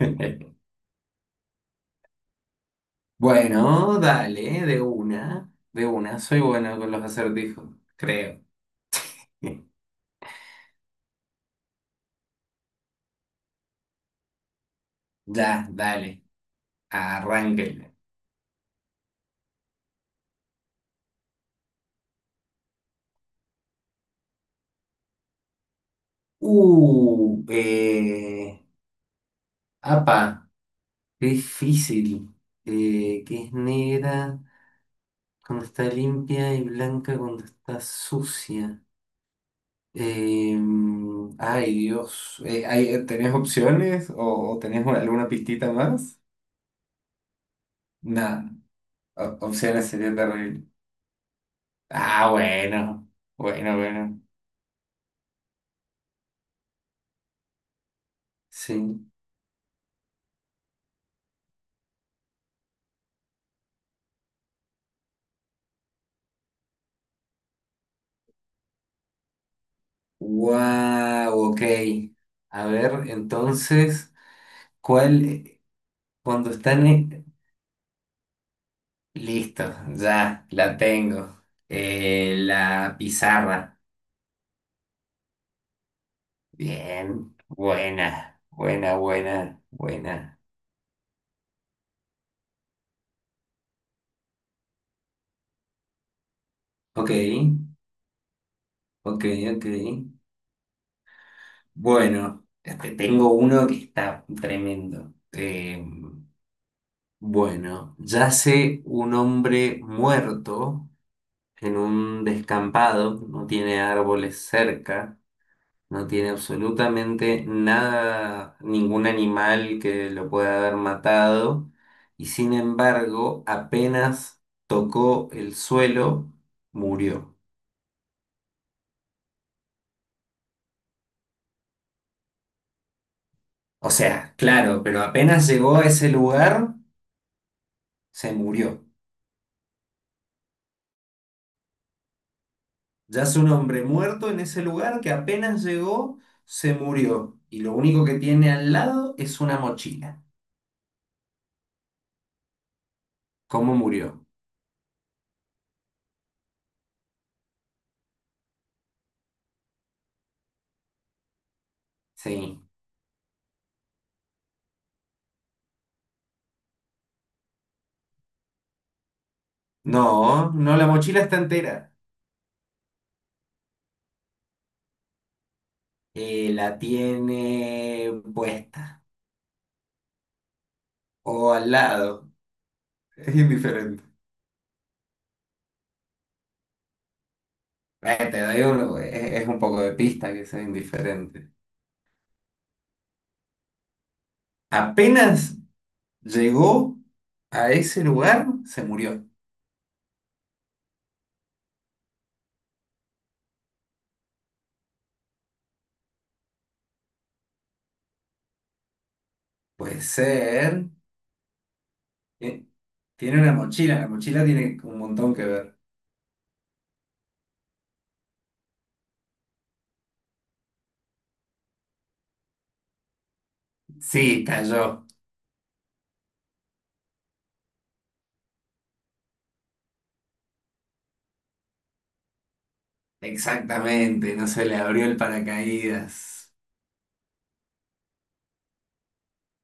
Bueno, dale, de una, soy bueno con los acertijos, creo. Ya, dale, arránquenle. Uh, eh, apa, qué difícil. Que es negra cuando está limpia y blanca cuando está sucia. Ay, Dios. ¿Tenés opciones o tenés alguna pistita más? Nada, opciones sería terrible. Ah, bueno, bueno, bueno. Sí. Wow, ok. A ver, entonces, ¿cuál? Cuando están... eh, Listo, ya, la tengo. La pizarra. Bien, buena, buena, buena, buena. Ok, ok, ok. Bueno, este, tengo uno que está tremendo. Bueno, yace un hombre muerto en un descampado, no tiene árboles cerca, no tiene absolutamente nada, ningún animal que lo pueda haber matado, y sin embargo, apenas tocó el suelo, murió. O sea, claro, pero apenas llegó a ese lugar, se murió. Ya es un hombre muerto en ese lugar que apenas llegó, se murió. Y lo único que tiene al lado es una mochila. ¿Cómo murió? Sí. No, no, la mochila está entera. La tiene puesta o al lado. Es indiferente. Te doy uno, es un poco de pista que sea indiferente. Apenas llegó a ese lugar, se murió. Puede ser. eh, Tiene una mochila, la mochila tiene un montón que ver. Sí, cayó. Exactamente, no se le abrió el paracaídas.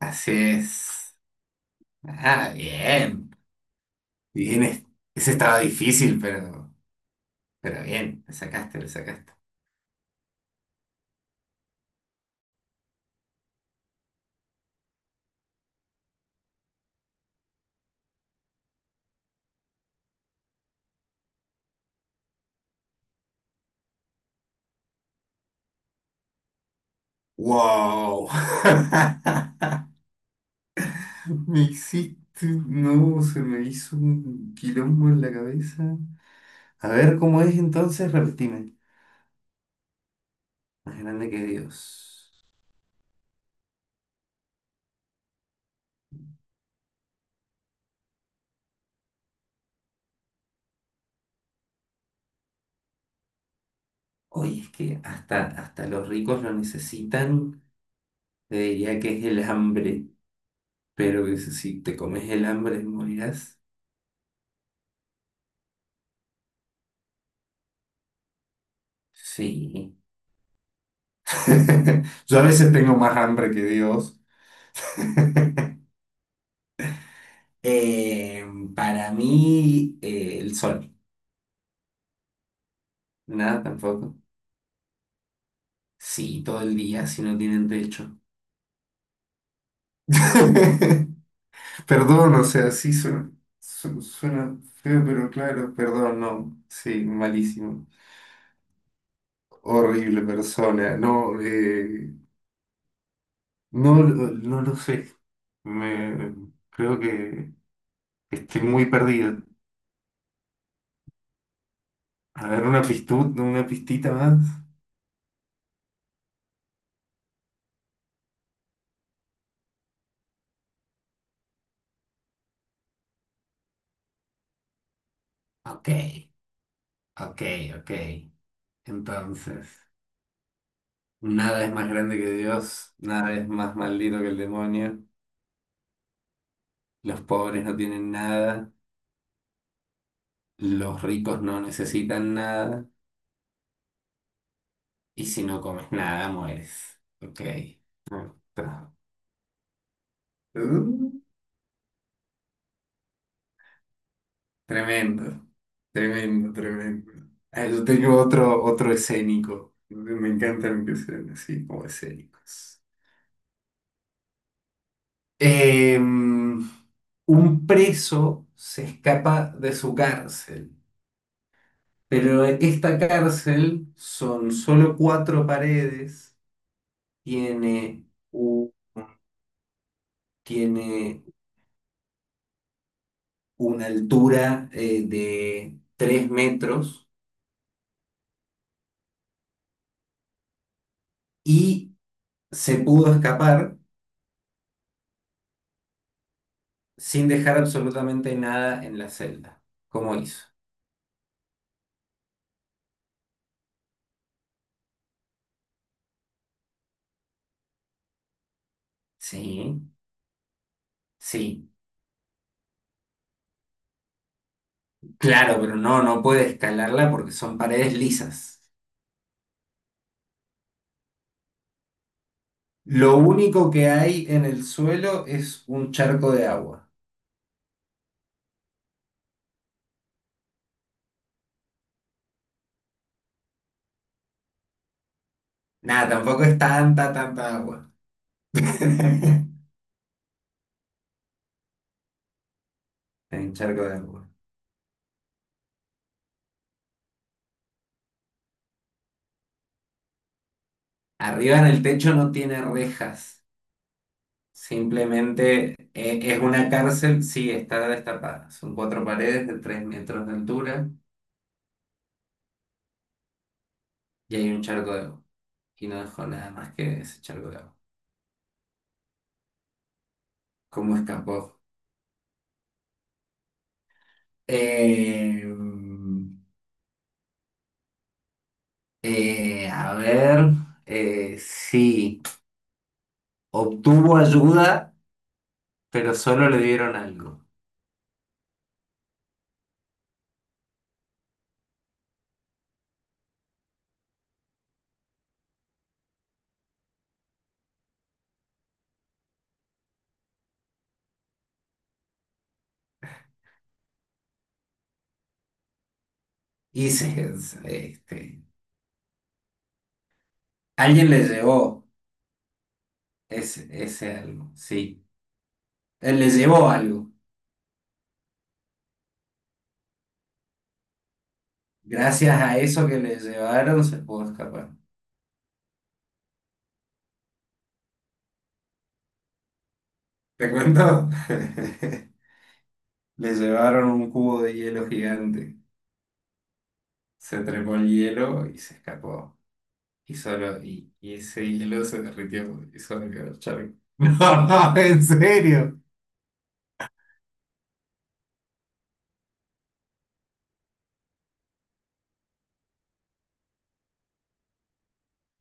Así es. Ah, bien. Bien, es- Ese estaba difícil, pero bien, le sacaste, le sacaste. ¡Wow! Me hiciste. No, se me hizo un quilombo en la cabeza. A ver cómo es entonces, repetime. Más grande que Dios. Oye, es que hasta, hasta los ricos lo necesitan. Te diría que es el hambre, pero que si te comes el hambre morirás. Sí. Yo a veces tengo más hambre que Dios. Eh, para mí, el sol. Nada, tampoco. Sí, todo el día, si no tienen techo. Perdón, o sea, sí suena, suena feo, pero claro, perdón, no. Sí, malísimo. Horrible persona. No, no, no lo sé. Me, Creo que estoy muy perdido. A ver, una pistita más. Ok, ok, ok. Entonces. Nada es más grande que Dios, nada es más maldito que el demonio. Los pobres no tienen nada, los ricos no necesitan nada, y si no comes nada, mueres. Ok. Ah, está. Mm, tremendo, tremendo, tremendo. Ah, yo tengo otro, otro escénico. Me encantan que sean así como escénicos. Em, un preso se escapa de su cárcel. Pero esta cárcel son solo cuatro paredes, tiene, u- tiene una altura de 3 metros y se pudo escapar sin dejar absolutamente nada en la celda. ¿Cómo hizo? Sí, sí, claro, pero no, no puede escalarla porque son paredes lisas. Lo único que hay en el suelo es un charco de agua. Nada, tampoco es tanta, tanta agua. En charco de agua. Arriba en el techo no tiene rejas, simplemente es una cárcel, sí, está destapada. Son cuatro paredes de 3 metros de altura y hay un charco de agua. Y no dejó nada más que ese charco de agua. ¿Cómo escapó? Eh, a ver, sí, obtuvo ayuda, pero solo le dieron algo. Y se- este, Alguien le llevó ese algo, sí. Él les llevó algo. Gracias a eso que les llevaron, se pudo escapar. ¿Te cuento? Les llevaron un cubo de hielo gigante. Se trepó el hielo y se escapó. Y ese hielo se derritió y solo quedó el charco. No, en serio.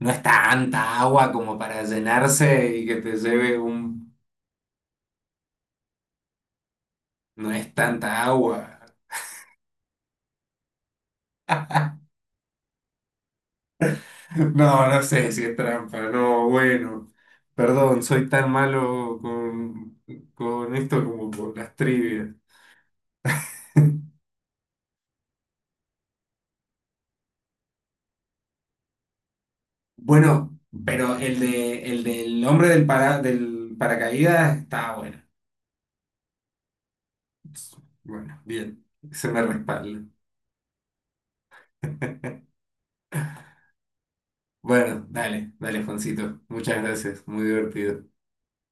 No es tanta agua como para llenarse y que te lleve un... No es tanta agua. No, no sé si es trampa, no, bueno, perdón, soy tan malo con esto como con las trivias. Bueno, pero el de el del hombre del paracaídas está bueno. Bueno, bien, se me respalda. Bueno, dale, dale, Juancito, muchas gracias, muy divertido.